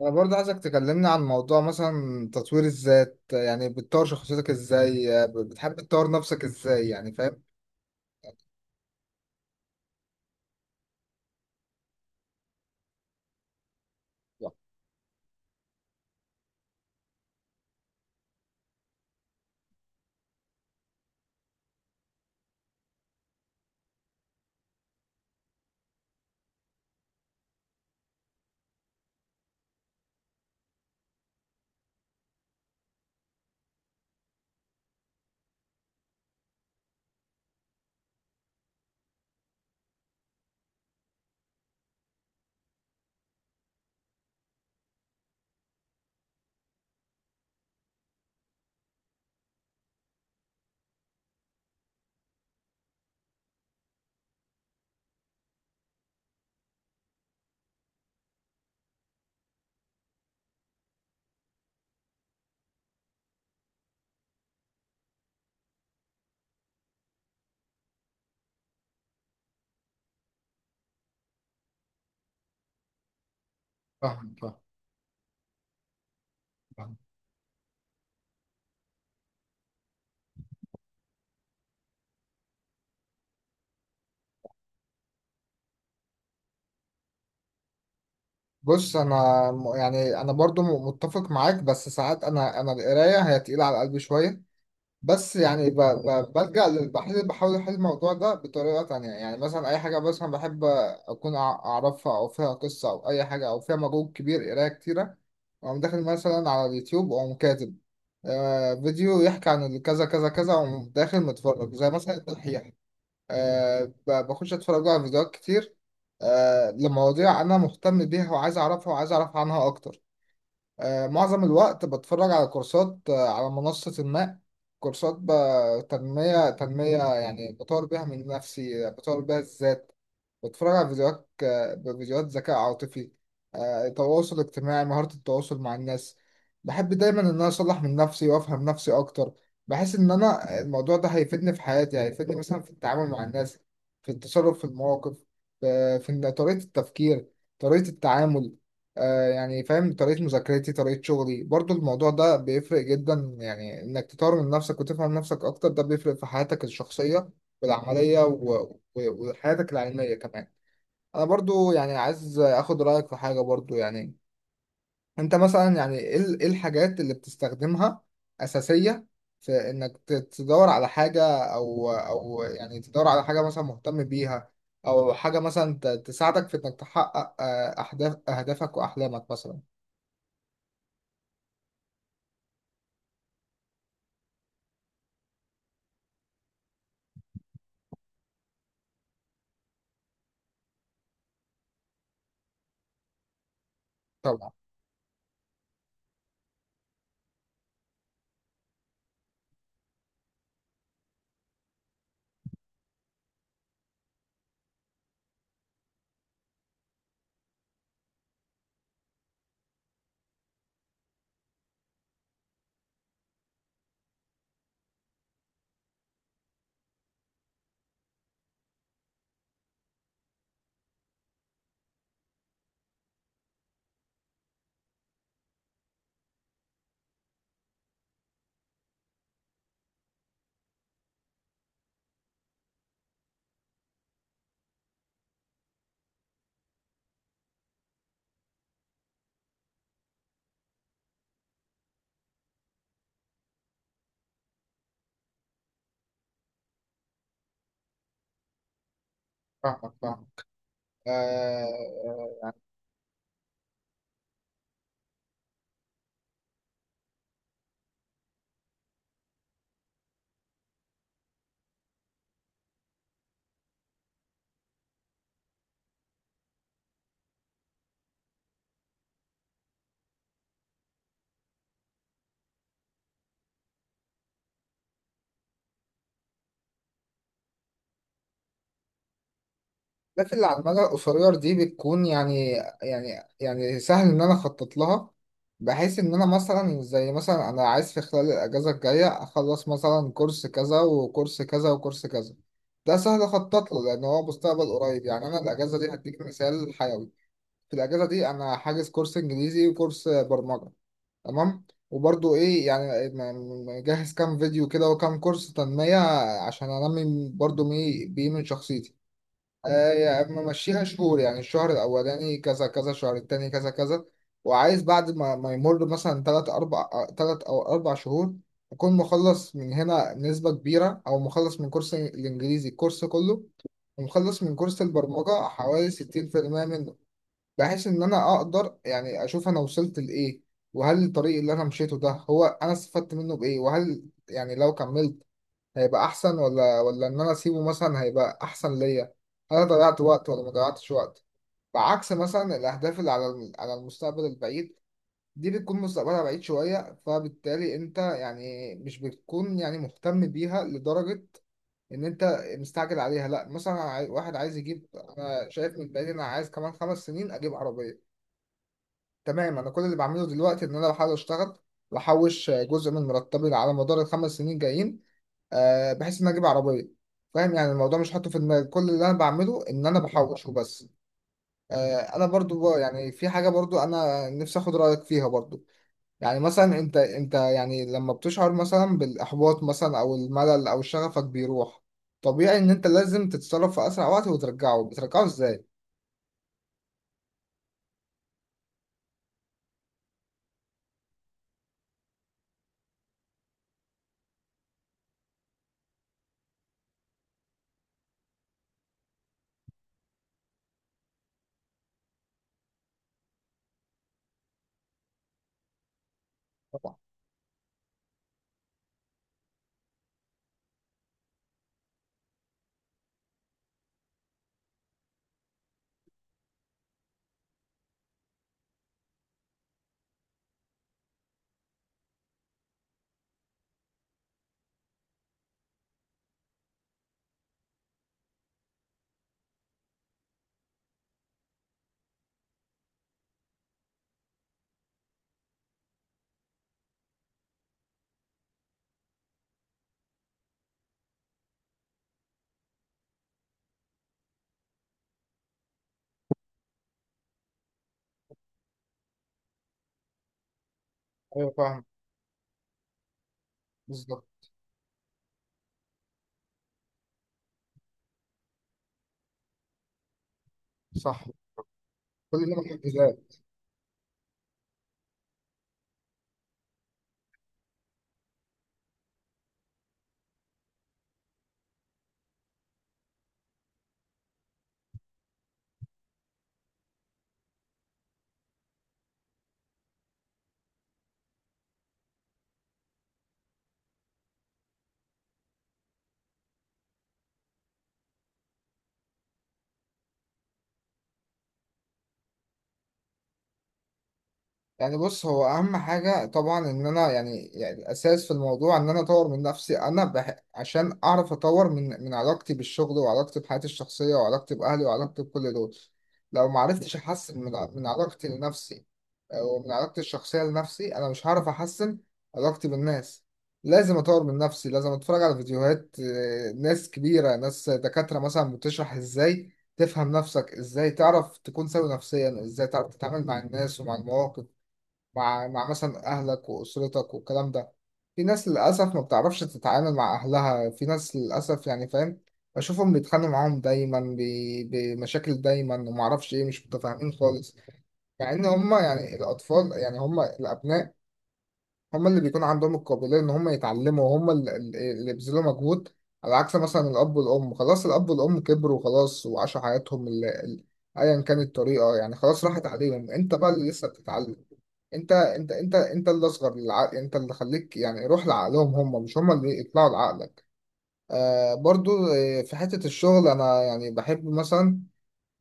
انا برضه عايزك تكلمني عن موضوع مثلا تطوير الذات، يعني بتطور شخصيتك ازاي؟ بتحب تطور نفسك ازاي؟ يعني فاهم؟ فاهم، فاهم، فاهم. بص انا، يعني انا برضو متفق معاك، بس ساعات انا القرايه هي تقيله على قلبي شويه. بس يعني بحل، بحاول أحل الموضوع ده بطريقة تانية. يعني مثلا أي حاجة مثلا بحب أكون أعرفها، أو فيها قصة أو أي حاجة، أو فيها مجهود كبير قراية كتيرة، وأقوم داخل مثلا على اليوتيوب وأقوم كاتب فيديو يحكي عن كذا كذا كذا، وأقوم داخل متفرج زي مثلا الدحيح. بخش أتفرج على فيديوهات كتير، لمواضيع أنا مهتم بيها وعايز أعرفها وعايز أعرف عنها أكتر. معظم الوقت بتفرج على كورسات، على منصة ما. كورسات تنمية، تنمية، يعني بطور بيها من نفسي، بطور بيها الذات. بتفرج على فيديوهات فيديوهات ذكاء عاطفي، تواصل اجتماعي، مهارة التواصل مع الناس. بحب دايما ان انا اصلح من نفسي وافهم نفسي اكتر. بحس ان انا الموضوع ده هيفيدني في حياتي، هيفيدني مثلا في التعامل مع الناس، في التصرف في المواقف، في إن طريقة التفكير، طريقة التعامل، يعني فاهم، طريقة مذاكرتي طريقة شغلي. برضو الموضوع ده بيفرق جدا، يعني انك تطور من نفسك وتفهم نفسك اكتر، ده بيفرق في حياتك الشخصية والعملية، وحياتك العلمية كمان. أنا برضو يعني عايز أخد رأيك في حاجة برضو. يعني أنت مثلا يعني إيه الحاجات اللي بتستخدمها أساسية في إنك تدور على حاجة، أو يعني تدور على حاجة مثلا مهتم بيها، أو حاجة مثلا تساعدك في إنك تحقق، أهداف أهدافك وأحلامك مثلا. طبعا. فاهمك، فاهمك. آه، آه، الأهداف اللي على المدى القصير دي بتكون يعني، يعني يعني سهل إن أنا أخطط لها، بحيث إن أنا مثلا، زي مثلا أنا عايز في خلال الأجازة الجاية أخلص مثلا كورس كذا وكورس كذا وكورس كذا. ده سهل أخطط له لأن هو مستقبل قريب. يعني أنا الأجازة دي هديك مثال حيوي. في الأجازة دي أنا حاجز كورس إنجليزي وكورس برمجة، تمام. وبرضه إيه، يعني مجهز كام فيديو كده وكام كورس تنمية، عشان أنمي برضه بيه من شخصيتي. يعني ممشيها شهور، يعني الشهر الأولاني كذا كذا، الشهر التاني كذا كذا. وعايز بعد ما يمر مثلا تلات أربع، تلات أو أربع شهور، أكون مخلص من هنا نسبة كبيرة، أو مخلص من كورس الإنجليزي الكورس كله، ومخلص من كورس البرمجة حوالي 60% منه، بحيث إن أنا أقدر يعني أشوف أنا وصلت لإيه، وهل الطريق اللي أنا مشيته ده هو أنا استفدت منه بإيه، وهل يعني لو كملت هيبقى احسن، ولا ان انا اسيبه مثلا هيبقى احسن ليا. انا ضيعت وقت ولا ما ضيعتش وقت؟ بعكس مثلا الاهداف اللي على على المستقبل البعيد، دي بتكون مستقبلها بعيد شوية، فبالتالي انت يعني مش بتكون يعني مهتم بيها لدرجة ان انت مستعجل عليها. لا مثلا أنا واحد عايز يجيب، انا شايف من بعيد إن انا عايز كمان خمس سنين اجيب عربية، تمام. انا كل اللي بعمله دلوقتي ان انا بحاول اشتغل، واحوش جزء من مرتبي على مدار الخمس سنين جايين، بحيث ان انا اجيب عربيه. فاهم يعني الموضوع مش حاطه في دماغي، كل اللي انا بعمله ان انا بحوش وبس. انا برضو بقى يعني في حاجه برضو انا نفسي اخد رايك فيها برضو. يعني مثلا انت يعني لما بتشعر مثلا بالاحباط مثلا، او الملل، او شغفك بيروح، طبيعي ان انت لازم تتصرف في اسرع وقت وترجعه. بترجعه ازاي؟ طبعا. ايوه، فاهم. بالظبط. صح. كل ده محتاج. يعني بص، هو اهم حاجه طبعا ان انا يعني, الاساس في الموضوع ان انا اطور من نفسي. عشان اعرف اطور من من علاقتي بالشغل، وعلاقتي بحياتي الشخصيه، وعلاقتي باهلي، وعلاقتي بكل دول. لو ما عرفتش احسن من من علاقتي لنفسي، ومن علاقتي الشخصيه لنفسي، انا مش هعرف احسن علاقتي بالناس. لازم اطور من نفسي، لازم اتفرج على فيديوهات، ناس كبيره، ناس دكاتره مثلا بتشرح ازاي تفهم نفسك، ازاي تعرف تكون سوي نفسيا، ازاي تعرف تتعامل مع الناس ومع المواقف، مع مثلا أهلك وأسرتك والكلام ده. في ناس للأسف ما بتعرفش تتعامل مع أهلها، في ناس للأسف يعني فاهم، بشوفهم بيتخانقوا معاهم دايما، بمشاكل دايما وما أعرفش إيه، مش متفاهمين خالص. مع إن هما يعني الأطفال، يعني هما الأبناء، هم اللي بيكون عندهم القابلية إن هم يتعلموا، وهم اللي بيبذلوا مجهود، على عكس مثلا الأب والأم. خلاص الأب والأم كبروا خلاص وعاشوا حياتهم، أيا كانت الطريقة، يعني خلاص راحت عليهم. أنت بقى اللي لسه بتتعلم، أنت اللي أصغر للعقل، أنت اللي خليك يعني روح لعقلهم هم، مش هم اللي يطلعوا لعقلك. آه برضو. في حتة الشغل أنا يعني بحب مثلا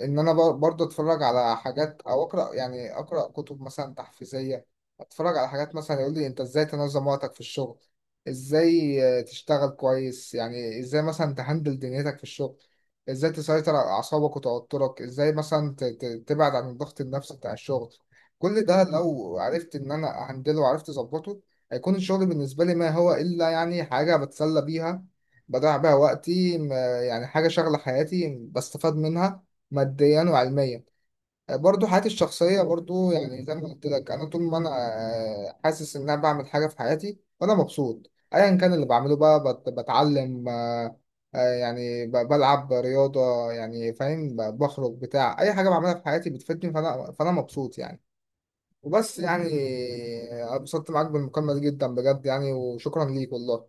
ان انا برضه اتفرج على حاجات، او اقرا يعني اقرا كتب مثلا تحفيزيه، اتفرج على حاجات مثلا يقول لي انت ازاي تنظم وقتك في الشغل، ازاي تشتغل كويس، يعني ازاي مثلا تهندل دنيتك في الشغل، ازاي تسيطر على اعصابك وتوترك، ازاي مثلا تبعد عن الضغط النفسي بتاع الشغل. كل ده لو عرفت ان انا اهندله وعرفت اظبطه، هيكون الشغل بالنسبه لي ما هو الا يعني حاجه بتسلى بيها، بضيع بيها وقتي، يعني حاجه شغله حياتي بستفاد منها ماديا وعلميا. برضو حياتي الشخصية برضو، يعني زي ما قلت لك، أنا طول ما أنا حاسس إن أنا بعمل حاجة في حياتي وأنا مبسوط، أيا كان اللي بعمله بقى، بتعلم، يعني بلعب رياضة، يعني فاهم، بخرج، بتاع أي حاجة بعملها في حياتي بتفيدني، فأنا مبسوط يعني. وبس يعني. اتبسطت معاك بالمكالمة دي جدا بجد يعني، وشكرا ليك والله.